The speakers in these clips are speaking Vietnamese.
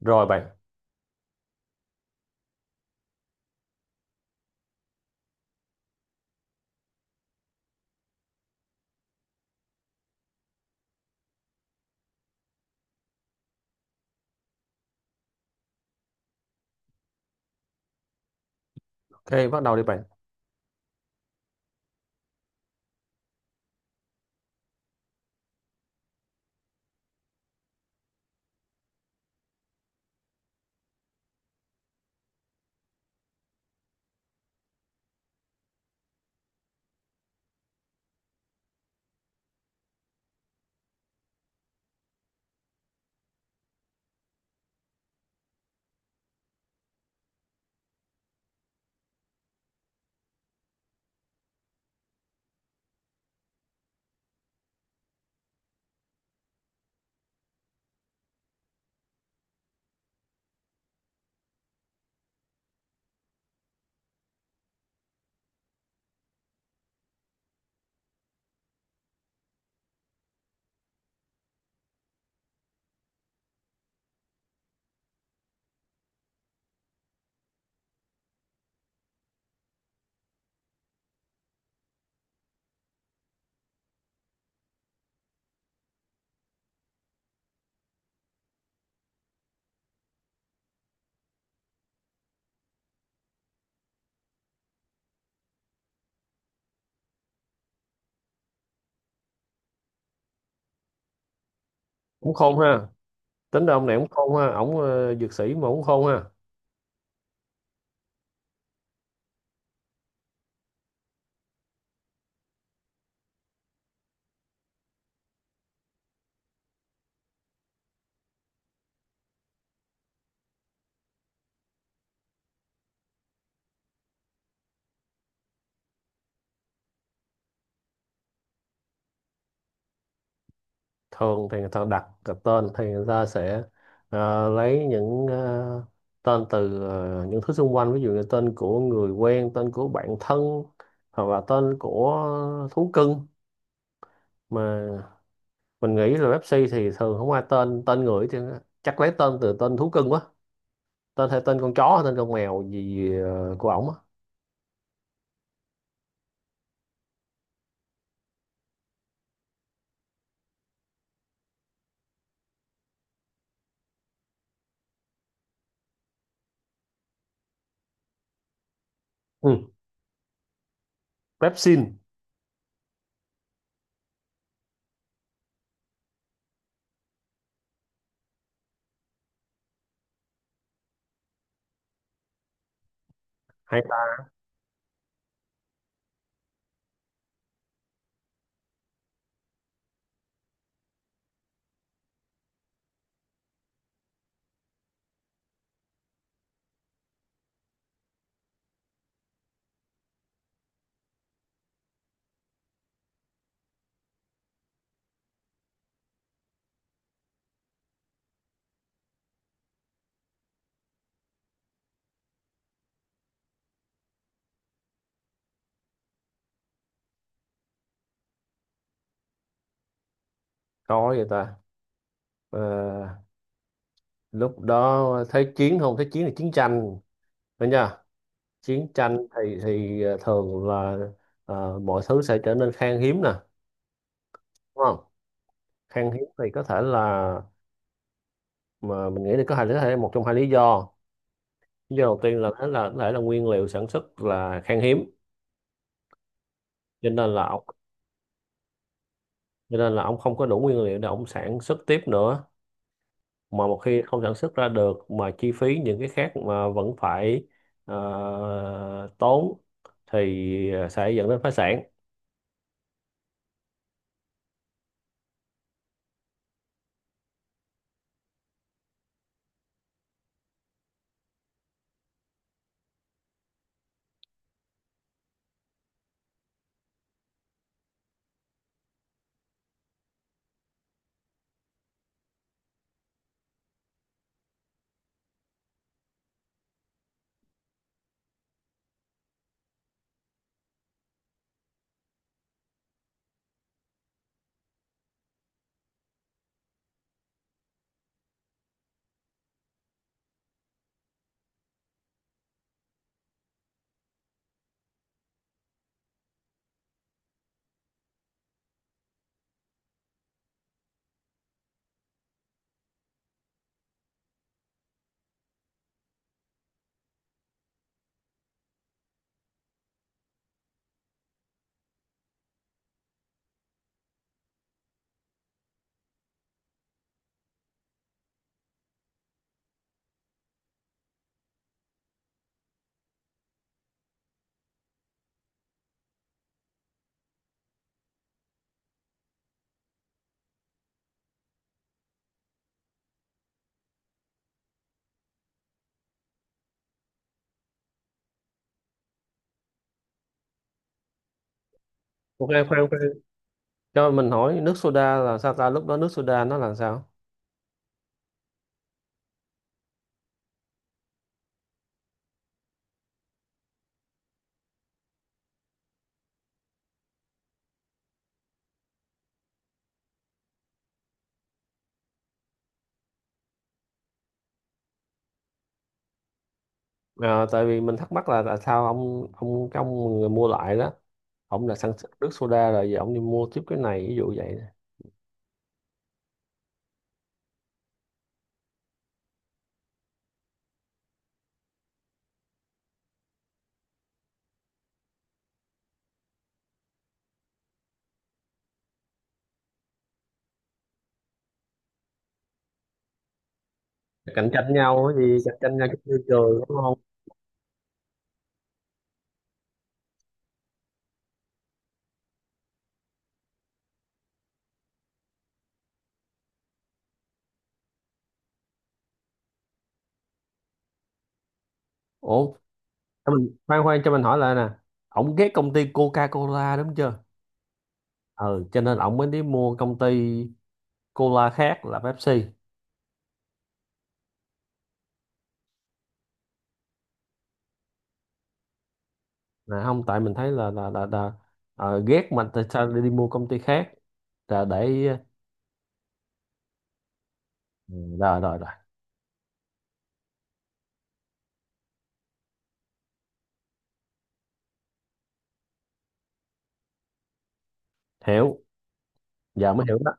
Rồi bạn. Ok, bắt đầu đi bạn. Cũng khôn ha. Tính ra ông này cũng khôn ha, ổng dược sĩ mà cũng khôn ha. Thường thì người ta đặt cái tên thì người ta sẽ lấy những tên từ những thứ xung quanh, ví dụ như tên của người quen, tên của bạn thân, hoặc là tên của thú cưng. Mà mình nghĩ là Pepsi thì thường không ai tên, người thì chắc lấy tên từ tên thú cưng quá. Tên hay tên con chó hay tên con mèo gì của ổng á. Ừ. Pepsin. Hay ta. Coi vậy ta. Ờ, lúc đó thế chiến, không, thế chiến là chiến tranh phải nha. Chiến tranh thì thường là mọi thứ sẽ trở nên khan hiếm nè, đúng không? Khan hiếm thì có thể là, mà mình nghĩ là có hai lý thể, một trong hai lý do. Lý do đầu tiên là thế, là có thể là nguyên liệu sản xuất là khan hiếm. Cho nên là ông, cho nên là ông không có đủ nguyên liệu để ông sản xuất tiếp nữa. Mà một khi không sản xuất ra được mà chi phí những cái khác mà vẫn phải tốn thì sẽ dẫn đến phá sản. Ok, khoan khoan, cho mình hỏi nước soda là sao ta? Lúc đó nước soda nó là sao? À, tại vì mình thắc mắc là tại sao ông, cái ông người mua lại đó, ông là sản xuất nước soda rồi giờ ông đi mua tiếp cái này, ví dụ vậy. Cạnh tranh nhau cái gì, cạnh tranh nhau cái môi trường đúng không? Ủa, cho mình khoan khoan, cho mình hỏi lại nè. Ông ghét công ty Coca-Cola đúng chưa? Ừ, cho nên ông mới đi mua công ty cola khác là Pepsi. Nè, không, tại mình thấy là, là ghét mà tại sao lại đi mua công ty khác là để. Ừ, rồi rồi rồi. Hiểu. Dạ, mới hiểu đó.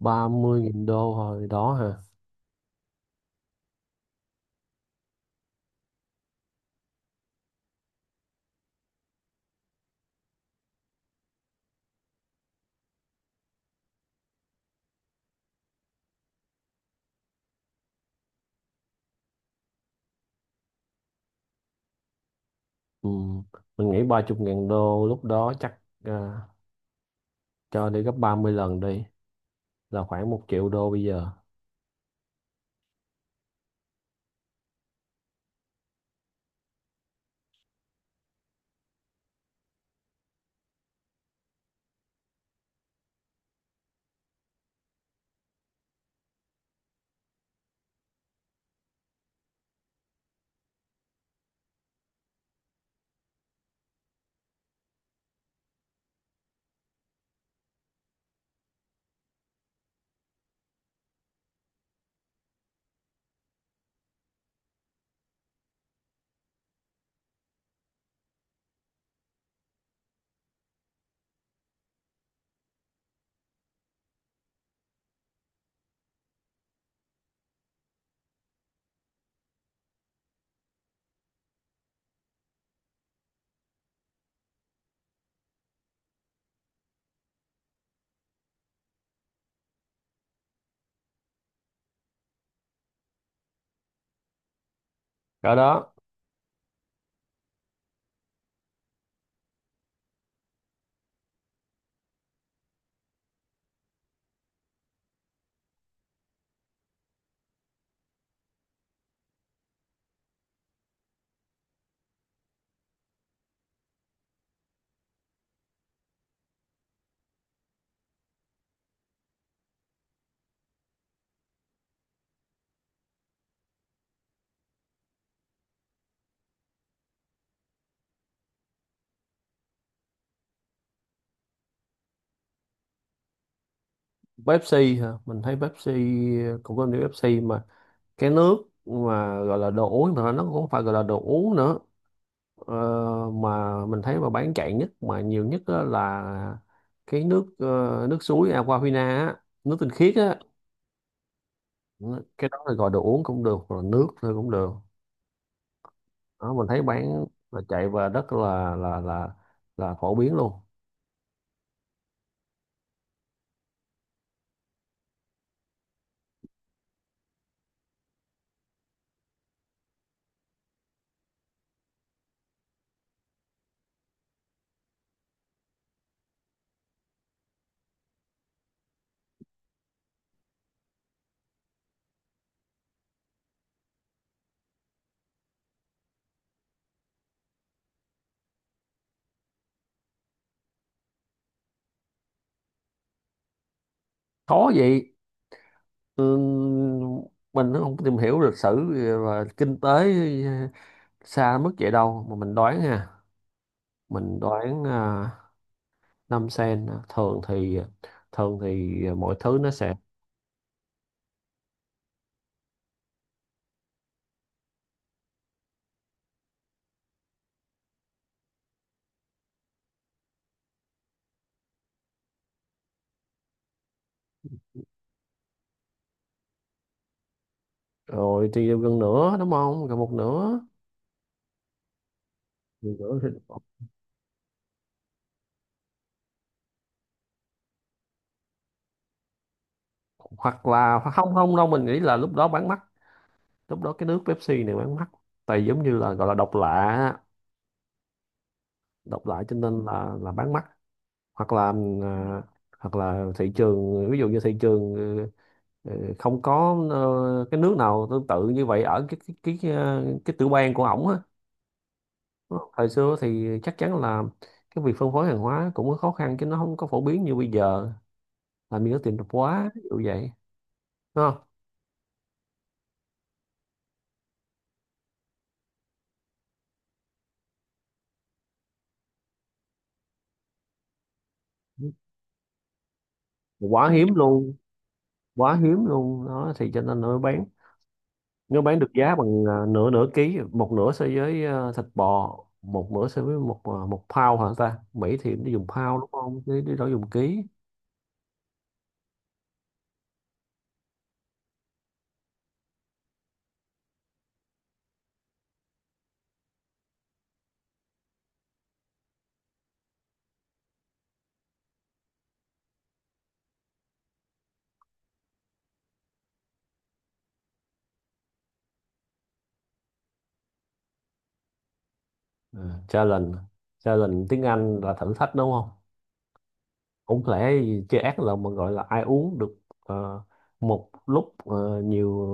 Ba mươi nghìn đô hồi đó hả? Ừ. Mình nghĩ 30.000 đô lúc đó chắc, à, cho đi gấp 30 lần đi, là khoảng một triệu đô bây giờ. Ở đó. Pepsi hả, mình thấy Pepsi cũng có nhiều Pepsi mà. Cái nước mà gọi là đồ uống mà nó cũng không phải gọi là đồ uống nữa. Ờ, mà mình thấy mà bán chạy nhất mà nhiều nhất á là cái nước nước suối Aquafina á, nước tinh khiết á. Cái đó là gọi đồ uống cũng được hoặc là nước thôi cũng được. Đó, mình thấy bán là chạy và rất là, là là phổ biến luôn. Khó vậy. Ừ, mình nó không tìm hiểu lịch sử và kinh tế xa mức vậy đâu, mà mình đoán ha. Mình đoán à, 5 sen à, thường thì, thường thì mọi thứ nó sẽ. Rồi thì gần nửa đúng không, gần một nửa. Gần nửa thì- hoặc là, hoặc không không đâu, mình nghĩ là lúc đó bán mắc. Lúc đó cái nước Pepsi này bán mắc, tại giống như là gọi là độc lạ á. Độc lạ cho nên là bán mắc. Hoặc là, à, hoặc là thị trường, ví dụ như thị trường không có cái nước nào tương tự như vậy ở cái cái cái tiểu bang của ổng á. Thời xưa thì chắc chắn là cái việc phân phối hàng hóa cũng có khó khăn chứ nó không có phổ biến như bây giờ, làm gì có tiền tạp hóa ví dụ vậy, đúng không? Quá hiếm luôn. Quá hiếm luôn đó, thì cho nên nó mới bán. Nếu bán được giá bằng nửa, nửa ký, một nửa so với thịt bò, một nửa so với một một pound hả ta? Mỹ thì nó dùng pound đúng không? Chứ, chứ đó dùng ký. Ừ. Challenge, challenge tiếng Anh là thử thách đúng không? Cũng lẽ gì chơi ác là mà gọi là ai uống được một lúc nhiều,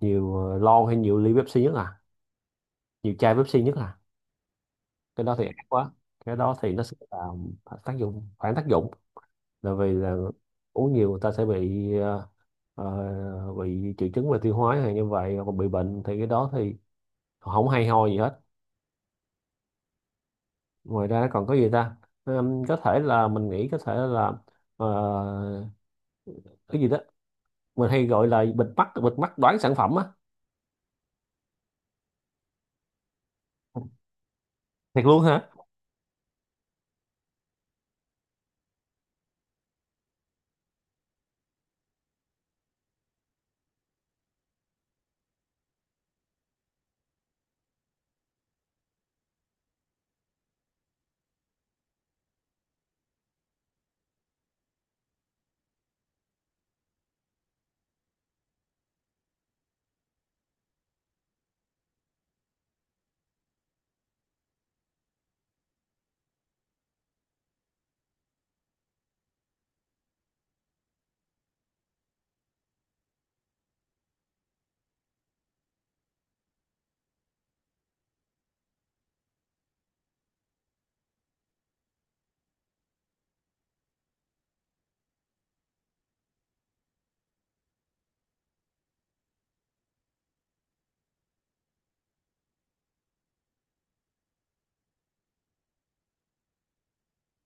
nhiều lon hay nhiều ly Pepsi nhất à? Nhiều chai Pepsi nhất à? Cái đó thì ác quá. Cái đó thì nó sẽ làm tác dụng, phản tác dụng. Là vì là uống nhiều người ta sẽ bị bị triệu chứng về tiêu hóa hay như vậy, còn bị bệnh thì cái đó thì không hay ho gì hết. Ngoài ra còn có gì ta? Có thể là mình nghĩ có thể là ờ, cái gì đó mình hay gọi là bịt mắt, bịt mắt đoán sản phẩm á. Thiệt luôn hả?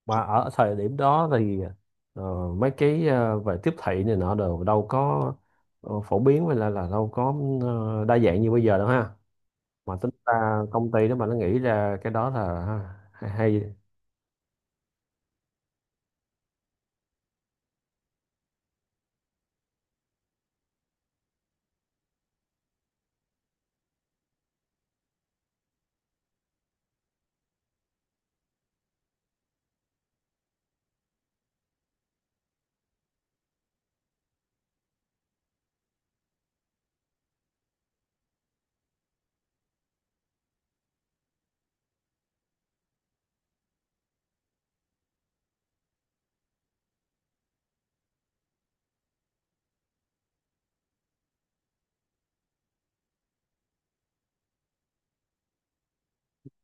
Mà ở thời điểm đó thì ờ, mấy cái về tiếp thị này nọ đều đâu có phổ biến hay là đâu có đa dạng như bây giờ đâu ha. Mà tính ra công ty đó mà nó nghĩ ra cái đó là ha, hay, hay.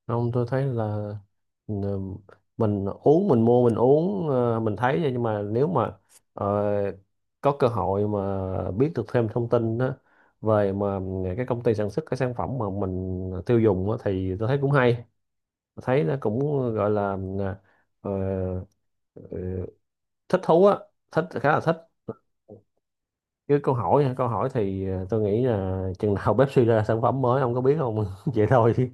Không, tôi thấy là, ừ, mình uống, mình mua, mình uống, mình thấy vậy. Nhưng mà nếu mà ờ, có cơ hội mà biết được thêm thông tin đó về mà cái công ty sản xuất cái sản phẩm mà mình tiêu dùng á, thì tôi thấy cũng hay. Thấy nó cũng gọi là ờ, ờ, thích thú á, thích, khá là thích. Với câu hỏi hả? Câu hỏi thì tôi nghĩ là chừng nào Pepsi suy ra sản phẩm mới ông có biết không vậy thôi chứ.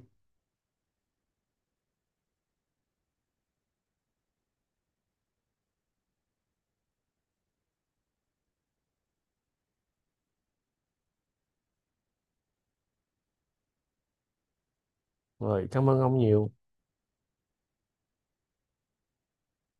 Rồi, cảm ơn ông nhiều.